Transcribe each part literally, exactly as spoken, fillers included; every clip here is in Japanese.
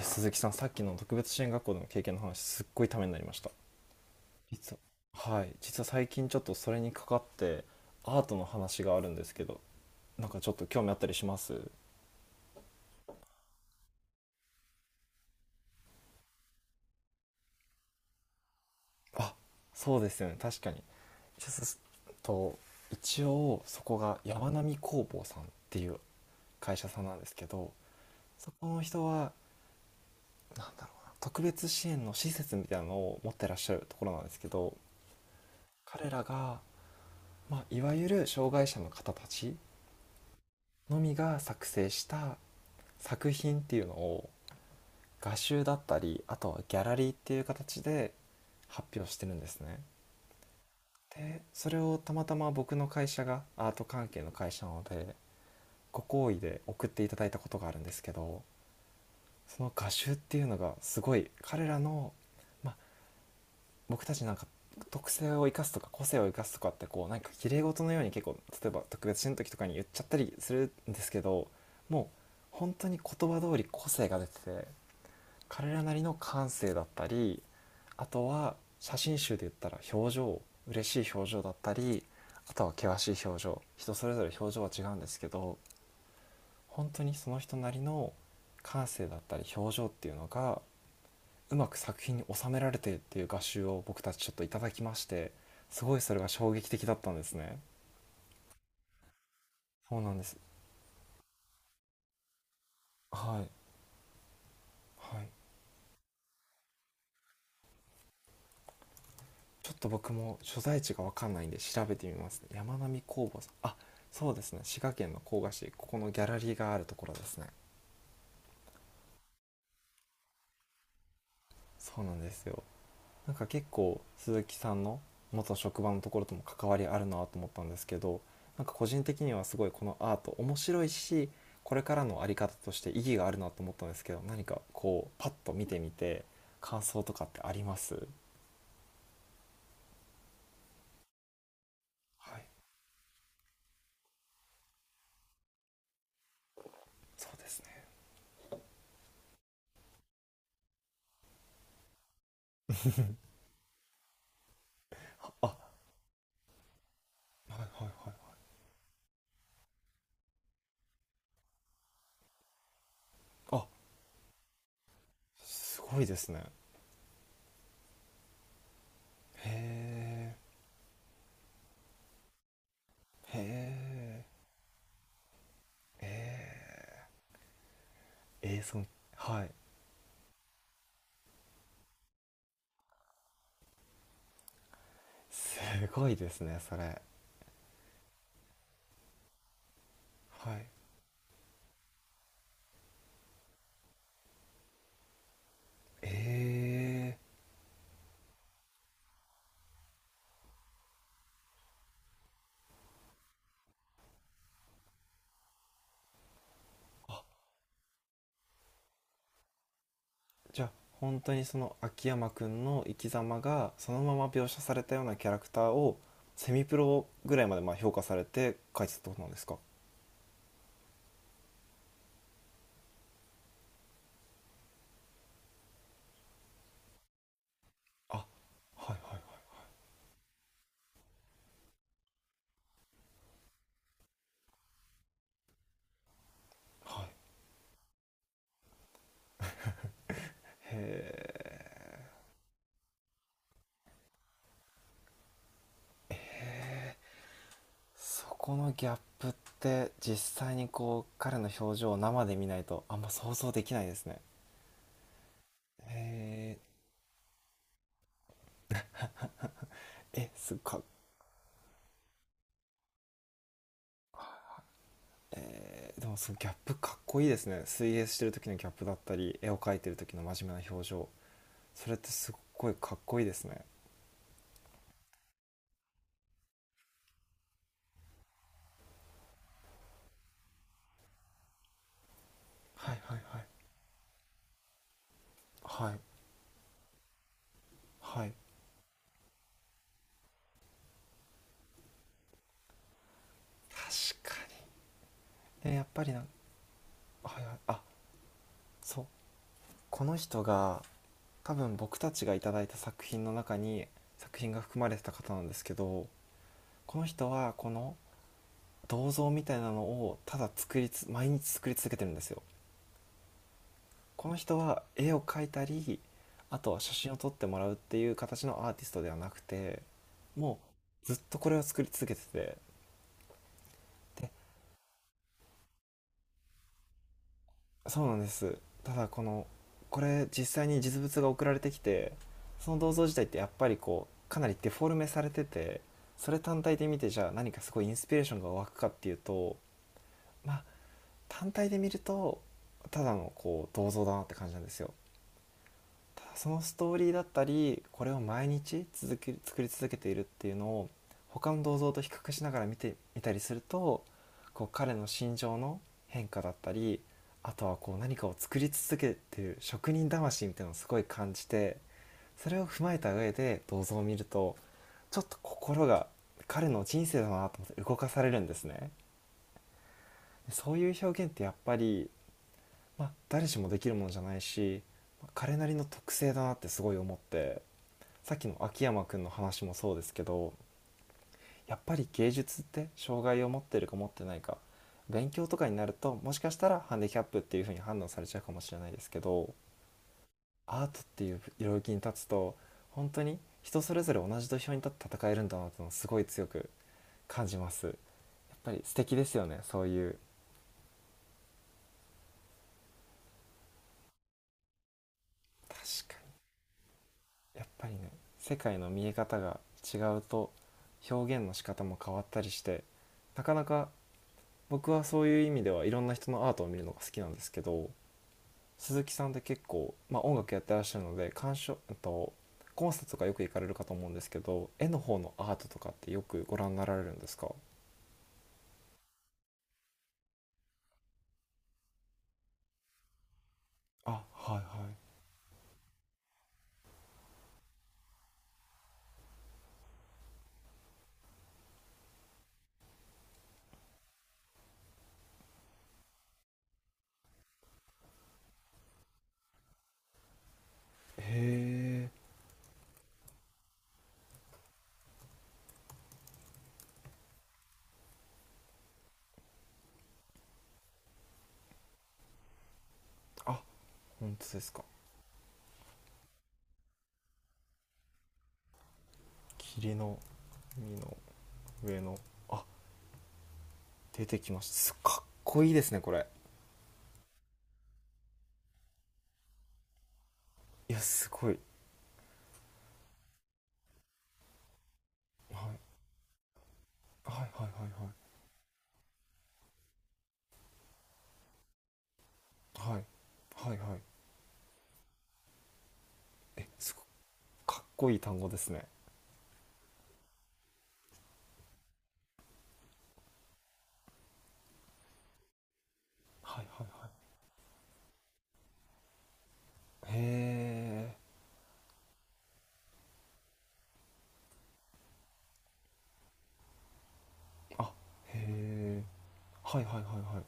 鈴木さん、さっきの特別支援学校での経験の話、すっごいためになりました。実ははい、実は最近ちょっとそれにかかってアートの話があるんですけど、なんかちょっと興味あったりします？あ、そうですよね、確かに。ちょっと一応そこが山並工房さんっていう会社さんなんですけど、そこの人は、なんだろうな特別支援の施設みたいなのを持ってらっしゃるところなんですけど、彼らが、まあ、いわゆる障害者の方たちのみが作成した作品っていうのを、画集だったり、あとはギャラリーっていう形で発表してるんですね。でそれをたまたま僕の会社がアート関係の会社なので、ご好意で送っていただいたことがあるんですけど、その画集っていうのがすごい彼らの、まあ、僕たちなんか、特性を生かすとか個性を生かすとかって、こうなんか綺麗事のように結構、例えば特別支の時とかに言っちゃったりするんですけど、もう本当に言葉通り個性が出てて、彼らなりの感性だったり、あとは写真集で言ったら表情、嬉しい表情だったり、あとは険しい表情、人それぞれ表情は違うんですけど、本当にその人なりの感性だったり表情っていうのが、うまく作品に収められてっていう画集を僕たちちょっといただきまして、すごいそれが衝撃的だったんですね。そうなんです。はい、はい。ちょっと僕も所在地が分かんないんで調べてみますね。山並工房さん、あ、そうですね、滋賀県の甲賀市、ここのギャラリーがあるところですね。そうなんですよ。なんか結構鈴木さんの元職場のところとも関わりあるなと思ったんですけど、なんか個人的にはすごいこのアート面白いし、これからの在り方として意義があるなと思ったんですけど、何かこうパッと見てみて感想とかってあります？はい。そうですね。あ、はい、はい、はい。あ、すごいですね。へえ。へえ。ええ。えーそんはい。すごいですね、それ。はい。ええ。あ、じゃあ本当にその秋山くんの生き様がそのまま描写されたようなキャラクターを、セミプロぐらいまで、まあ、評価されて書いてたってことなんですか？あ、はい、はい、はい、はい。へえ。そこのギャップって実際にこう彼の表情を生で見ないと、あんま想像できないですね。へえ。え、すか。えー、でもそのギャップかっこいいですね。水泳してる時のギャップだったり絵を描いてる時の真面目な表情、それってすっごいかっこいいですね。はい、はい、はい、はい、はい。確かに。え、やっぱりなん、はい、はい。あ、そう、この人が多分僕たちがいただいた作品の中に作品が含まれてた方なんですけど、この人は、この銅像みたいなのをただ作りつ毎日作り続けてるんですよ。この人は絵を描いたり、あとは写真を撮ってもらうっていう形のアーティストではなくて、もうずっとこれを作り続けてて、そうなんです。ただこの、これ実際に実物が送られてきて、その銅像自体ってやっぱりこうかなりデフォルメされてて、それ単体で見て、じゃあ何かすごいインスピレーションが湧くかっていうと、まあ、単体で見ると、ただのこう銅像だなって感じなんですよ。そのストーリーだったり、これを毎日続き作り続けているっていうのを、他の銅像と比較しながら見てみたりすると、こう彼の心情の変化だったり、あとはこう何かを作り続けている職人魂みたいなのをすごい感じて、それを踏まえた上で銅像を見ると、ちょっと心が、彼の人生だなと思って動かされるんですね。そういう表現ってやっぱり、まあ、誰しもできるものじゃないし、彼なりの特性だなってすごい思って、さっきの秋山くんの話もそうですけど、やっぱり芸術って、障害を持ってるか持ってないか、勉強とかになるともしかしたらハンディキャップっていう風に判断されちゃうかもしれないですけど、アートっていう領域に立つと、本当に人それぞれ同じ土俵に立って戦えるんだなってのを、すごい強く感じます。やっぱり素敵ですよね、そういう。確かに、やっぱりね、世界の見え方が違うと表現の仕方も変わったりして、なかなか。僕はそういう意味ではいろんな人のアートを見るのが好きなんですけど、鈴木さんって結構、まあ、音楽やってらっしゃるので、鑑賞と、コンサートとかよく行かれるかと思うんですけど、絵の方のアートとかってよくご覧になられるんですか？あ、はい、はい。へえ。あ、本当ですか？霧の、海の上の、あ、出てきました、す、かっこいいですね、これ。いや、すごい。はい、はい、はい、はい、はい、はい、はい、はい。え、すごい。かっこいい単語ですね。はい、はい、はい。へえ。あ、へえ。はい、はい、はい、はい。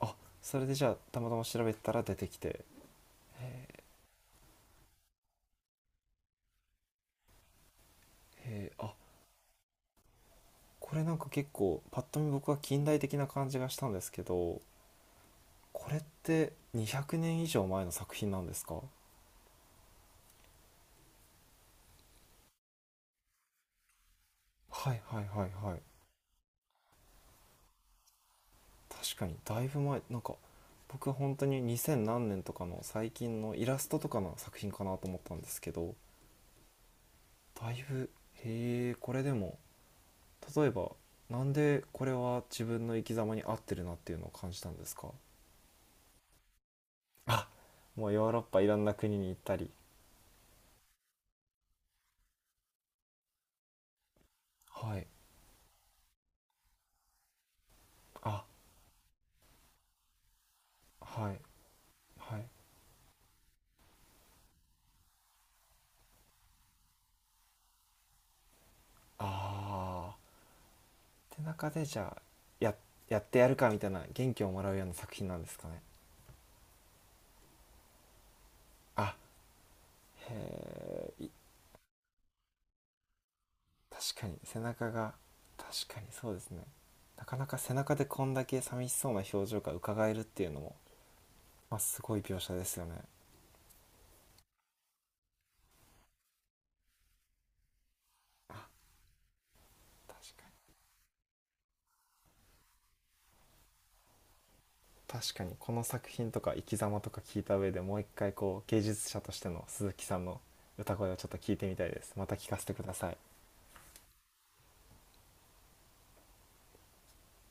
あ、それで、じゃあたまたま調べたら出てきて。へえ。あ、これなんか結構パッと見、僕は近代的な感じがしたんですけど、これってにひゃくねん以上前の作品なんですか？はい、はい、はい、はい。確かにだいぶ前。なんか僕は本当ににせん何年とかの最近のイラストとかの作品かなと思ったんですけど、だいぶ、へえ。これでも、例えば、なんでこれは自分の生き様に合ってるなっていうのを感じたんですか？あ、もうヨーロッパいろんな国に行ったり。はい。あ、はい、はい。あーって中でじゃあ、や、やってやるかみたいな、元気をもらうような作品なんですかね。あ。確かに背中が、確かにそうですね。なかなか背中でこんだけ寂しそうな表情がうかがえるっていうのも、まあ、すごい描写ですよね。あ、確かに。確かに、この作品とか生き様とか聞いた上で、もう一回こう芸術者としての鈴木さんの歌声をちょっと聞いてみたいです。また聞かせてください。